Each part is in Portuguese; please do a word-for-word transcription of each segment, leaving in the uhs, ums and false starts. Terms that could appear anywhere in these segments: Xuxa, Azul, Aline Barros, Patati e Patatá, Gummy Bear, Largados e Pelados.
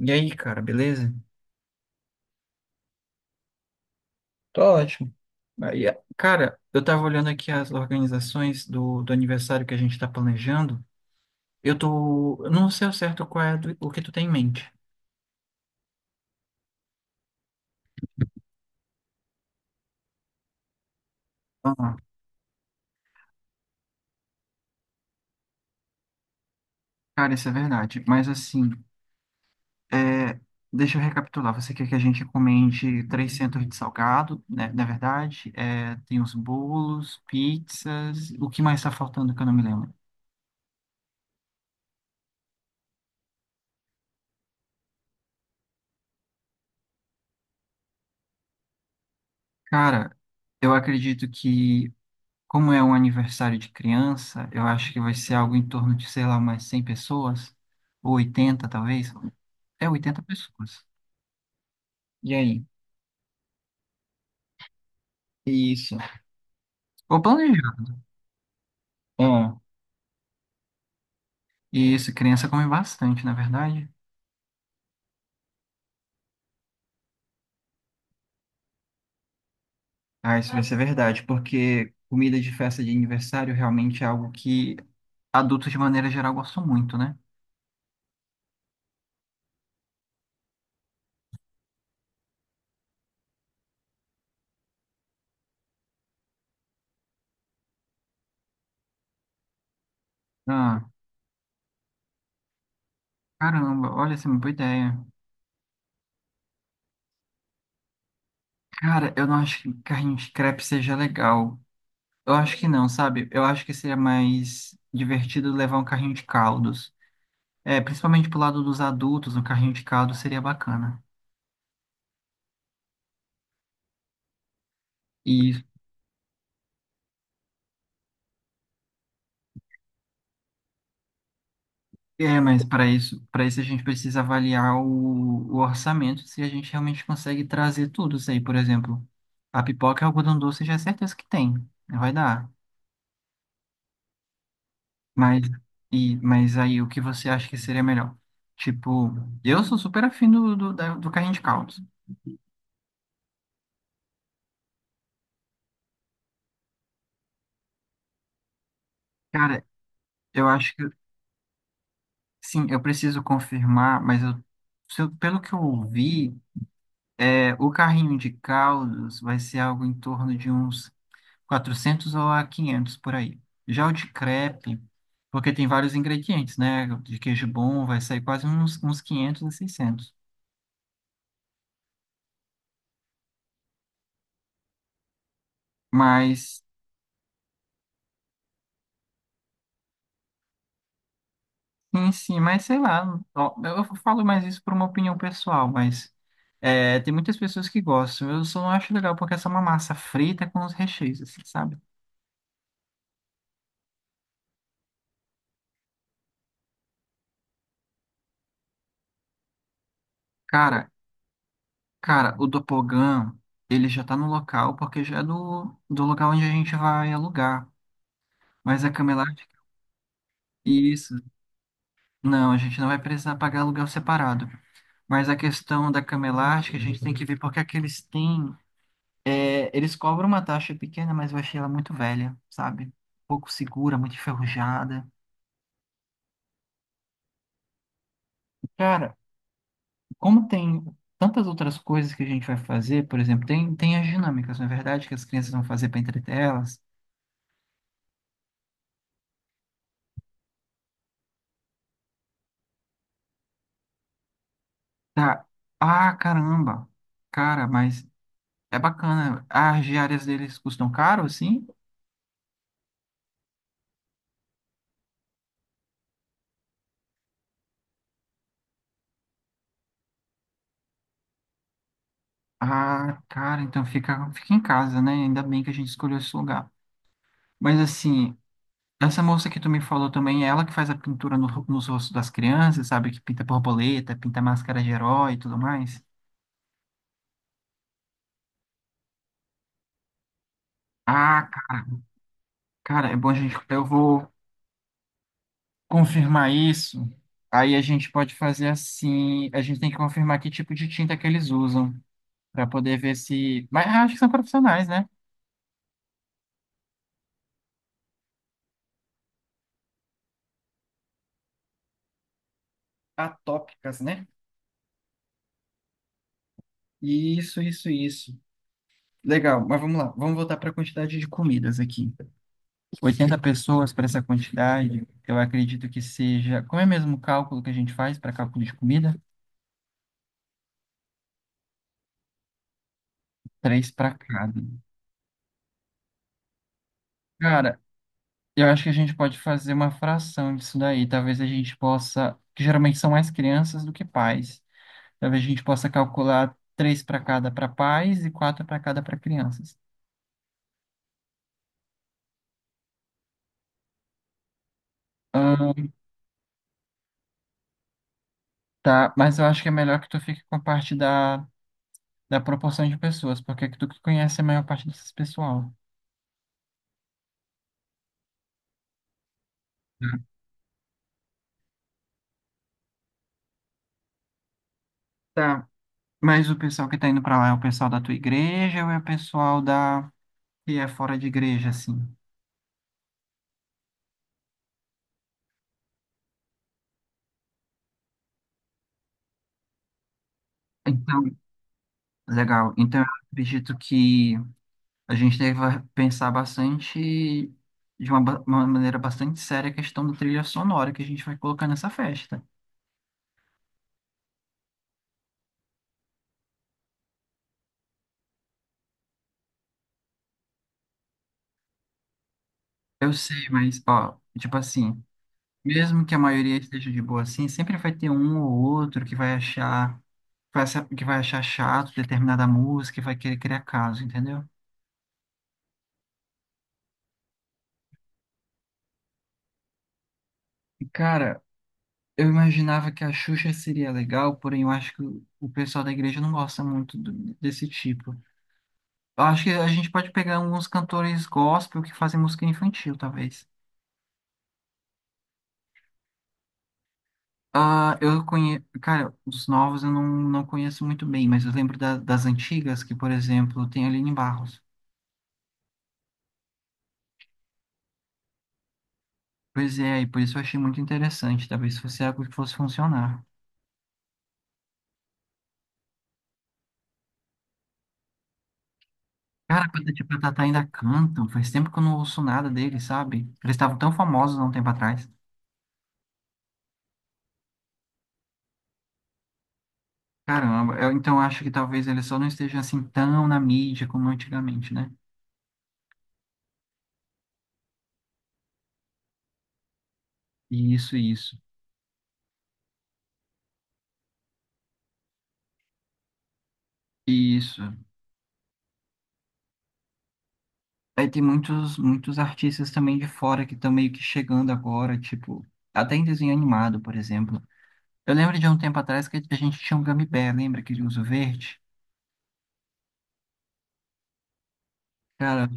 E aí, cara, beleza? Tô ótimo. Aí, é- cara, eu tava olhando aqui as organizações do, do aniversário que a gente tá planejando. Eu tô. Eu Não sei ao certo qual é do- o que tu tem em mente. Ah, cara, isso é verdade. Mas assim, é, deixa eu recapitular. Você quer que a gente encomende trezentos de salgado, né? Na verdade, é, tem os bolos, pizzas. O que mais tá faltando que eu não me lembro? Cara, eu acredito que Como é um aniversário de criança, eu acho que vai ser algo em torno de, sei lá, umas cem pessoas, ou oitenta talvez. É oitenta pessoas. E aí? Isso. Vou planejar. Ah, isso, criança come bastante, na verdade. Ah, isso vai ser verdade, porque comida de festa de aniversário realmente é algo que adultos, de maneira geral, gostam muito, né? Ah, caramba, olha, essa é uma boa ideia. Cara, eu não acho que carrinho de crepe seja legal. Eu acho que não, sabe? Eu acho que seria mais divertido levar um carrinho de caldos. É, principalmente pro lado dos adultos, um carrinho de caldos seria bacana. E é, mas para isso, para isso a gente precisa avaliar o, o orçamento, se a gente realmente consegue trazer tudo isso aí, por exemplo. A pipoca e o algodão doce já é certeza que tem, né? Vai dar. Mas e mas aí o que você acha que seria melhor? Tipo, eu sou super afim do, do, da- do carrinho de caldos. Cara, eu acho que Sim, eu preciso confirmar, mas eu, se eu- pelo que eu ouvi, é, o carrinho de caldos vai ser algo em torno de uns quatrocentos ou a quinhentos por aí. Já o de crepe, porque tem vários ingredientes, né? De queijo bom vai sair quase uns, uns quinhentos a seiscentos. Mas, sim, sim, mas sei lá. Ó, eu falo mais isso por uma opinião pessoal, mas é, tem muitas pessoas que gostam. Eu só não acho legal porque essa é uma massa frita é com os recheios, assim, sabe? Cara, Cara, o Doppelganger, ele já tá no local, porque já é do, do local onde a gente vai alugar. Mas a cama elástica, isso. Não, a gente não vai precisar pagar aluguel separado. Mas a questão da cama elástica, a gente tem que ver porque é que eles têm. é, eles cobram uma taxa pequena, mas eu achei ela muito velha, sabe? Pouco segura, muito enferrujada. Cara, como tem tantas outras coisas que a gente vai fazer, por exemplo, tem, tem as dinâmicas, não é verdade, que as crianças vão fazer para entreter elas. Tá. Ah, caramba. Cara, mas é bacana. As diárias deles custam caro, assim? Ah, cara, então fica, fica em casa, né? Ainda bem que a gente escolheu esse lugar. Mas assim, essa moça que tu me falou também, é ela que faz a pintura no, nos rostos das crianças, sabe? Que pinta borboleta, pinta máscara de herói e tudo mais. Ah, ca- cara, é bom a gente. Eu vou confirmar isso. Aí a gente pode fazer assim. A gente tem que confirmar que tipo de tinta que eles usam. Pra poder ver se. Mas acho que são profissionais, né? Atópicas, né? Isso, isso, isso. Legal, mas vamos lá. Vamos voltar para a quantidade de comidas aqui. Oitenta pessoas para essa quantidade, eu acredito que seja. Como é mesmo o cálculo que a gente faz para cálculo de comida? Três para cada. Cara, eu acho que a gente pode fazer uma fração disso daí. Talvez a gente possa. Que geralmente são mais crianças do que pais. Talvez a gente possa calcular três para cada para pais e quatro para cada para crianças. Tá, mas eu acho que é melhor que tu fique com a parte da, da proporção de pessoas, porque é que tu que conhece a maior parte desses pessoal. Tá, Tá, mas o pessoal que tá indo pra lá é o pessoal da tua igreja ou é o pessoal da que é fora de igreja, assim? Então, legal. Então, eu acredito que a gente deve pensar bastante, de uma, ba- uma maneira bastante séria, a questão da trilha sonora que a gente vai colocar nessa festa. Eu sei, mas, ó, tipo assim. Mesmo que a maioria esteja de boa assim, sempre vai ter um ou outro que vai achar, vai achar- que vai achar chato determinada música e vai querer criar caso, entendeu? E, Cara, eu imaginava que a Xuxa seria legal, porém eu acho que o pessoal da igreja não gosta muito do- desse tipo. Eu acho que a gente pode pegar alguns cantores gospel que fazem música infantil, talvez. Ah, eu conheço, cara, os novos eu não, não conheço muito bem, mas eu lembro da- das antigas, que, por exemplo, tem a Aline Barros. Pois é, e por isso eu achei muito interessante. Talvez fosse algo que fosse funcionar. Cara, Patati e Patatá ainda cantam. Faz tempo que eu não ouço nada deles, sabe? Eles estavam tão famosos há um tempo atrás. Caramba, eu então acho que talvez eles só não estejam assim tão na mídia como antigamente, né? Isso, isso, isso. Aí tem muitos, muitos artistas também de fora que estão meio que chegando agora, tipo, até em desenho animado, por exemplo. Eu lembro de um tempo atrás que a gente tinha um Gummy Bear, lembra aquele urso verde? Cara,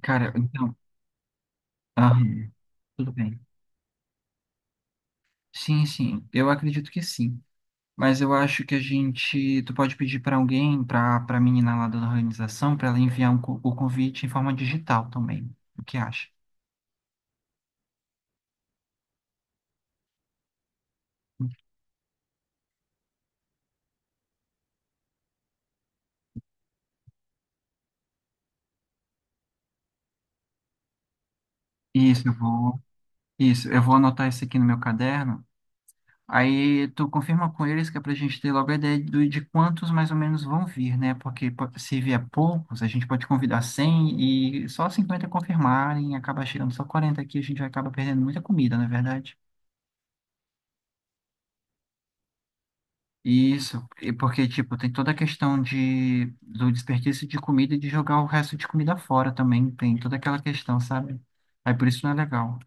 cara, então. Aham. Tudo bem. Sim, sim, eu acredito que sim. Mas eu acho que a gente, tu pode pedir para alguém, para para a menina lá da organização, para ela enviar um co- o convite em forma digital também. O que acha? Isso, eu vou, isso, eu vou anotar isso aqui no meu caderno. Aí tu confirma com eles que é para a gente ter logo a ideia do- de quantos mais ou menos vão vir, né? Porque po- se vier poucos, a gente pode convidar cem e só cinquenta confirmarem, acaba chegando só quarenta aqui, a gente vai acabar perdendo muita comida, não é verdade? Isso, e porque, tipo, tem toda a questão de, do desperdício de comida e de jogar o resto de comida fora também, tem toda aquela questão, sabe? Aí por isso não é legal.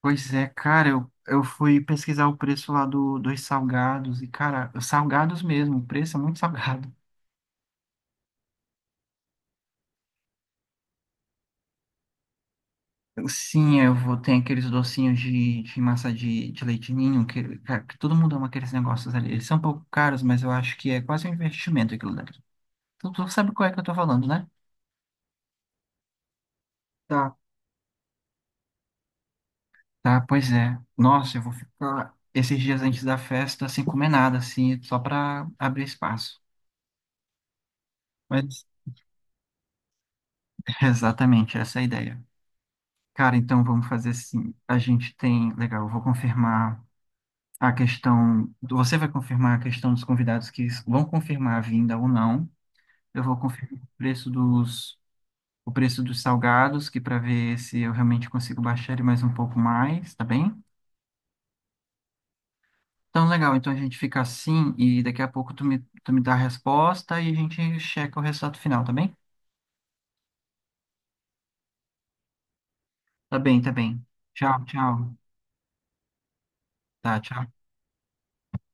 Pois é, cara, eu, eu fui pesquisar o preço lá do, dos salgados e, cara, os salgados mesmo, o preço é muito salgado. Sim, eu vou ter aqueles docinhos de, de massa de, de leite ninho, que, cara, que todo mundo ama aqueles negócios ali. Eles são um pouco caros, mas eu acho que é quase um investimento aquilo dali. Tu, tu sabe qual é que eu tô falando, né? tá Tá, pois é. Nossa, eu vou ficar esses dias antes da festa sem comer nada, assim, só para abrir espaço. Mas exatamente essa é a ideia. Cara, então vamos fazer assim. A gente tem, legal, eu vou confirmar a questão, você vai confirmar a questão dos convidados que vão confirmar a vinda ou não. Eu vou confirmar o preço dos o preço dos salgados, que para ver se eu realmente consigo baixar ele mais um pouco mais, tá bem? Então, legal. Então a gente fica assim e daqui a pouco tu me, tu me dá a resposta e a gente checa o resultado final, tá bem? Tá bem, tá bem. Tchau, tchau. Tá, tchau.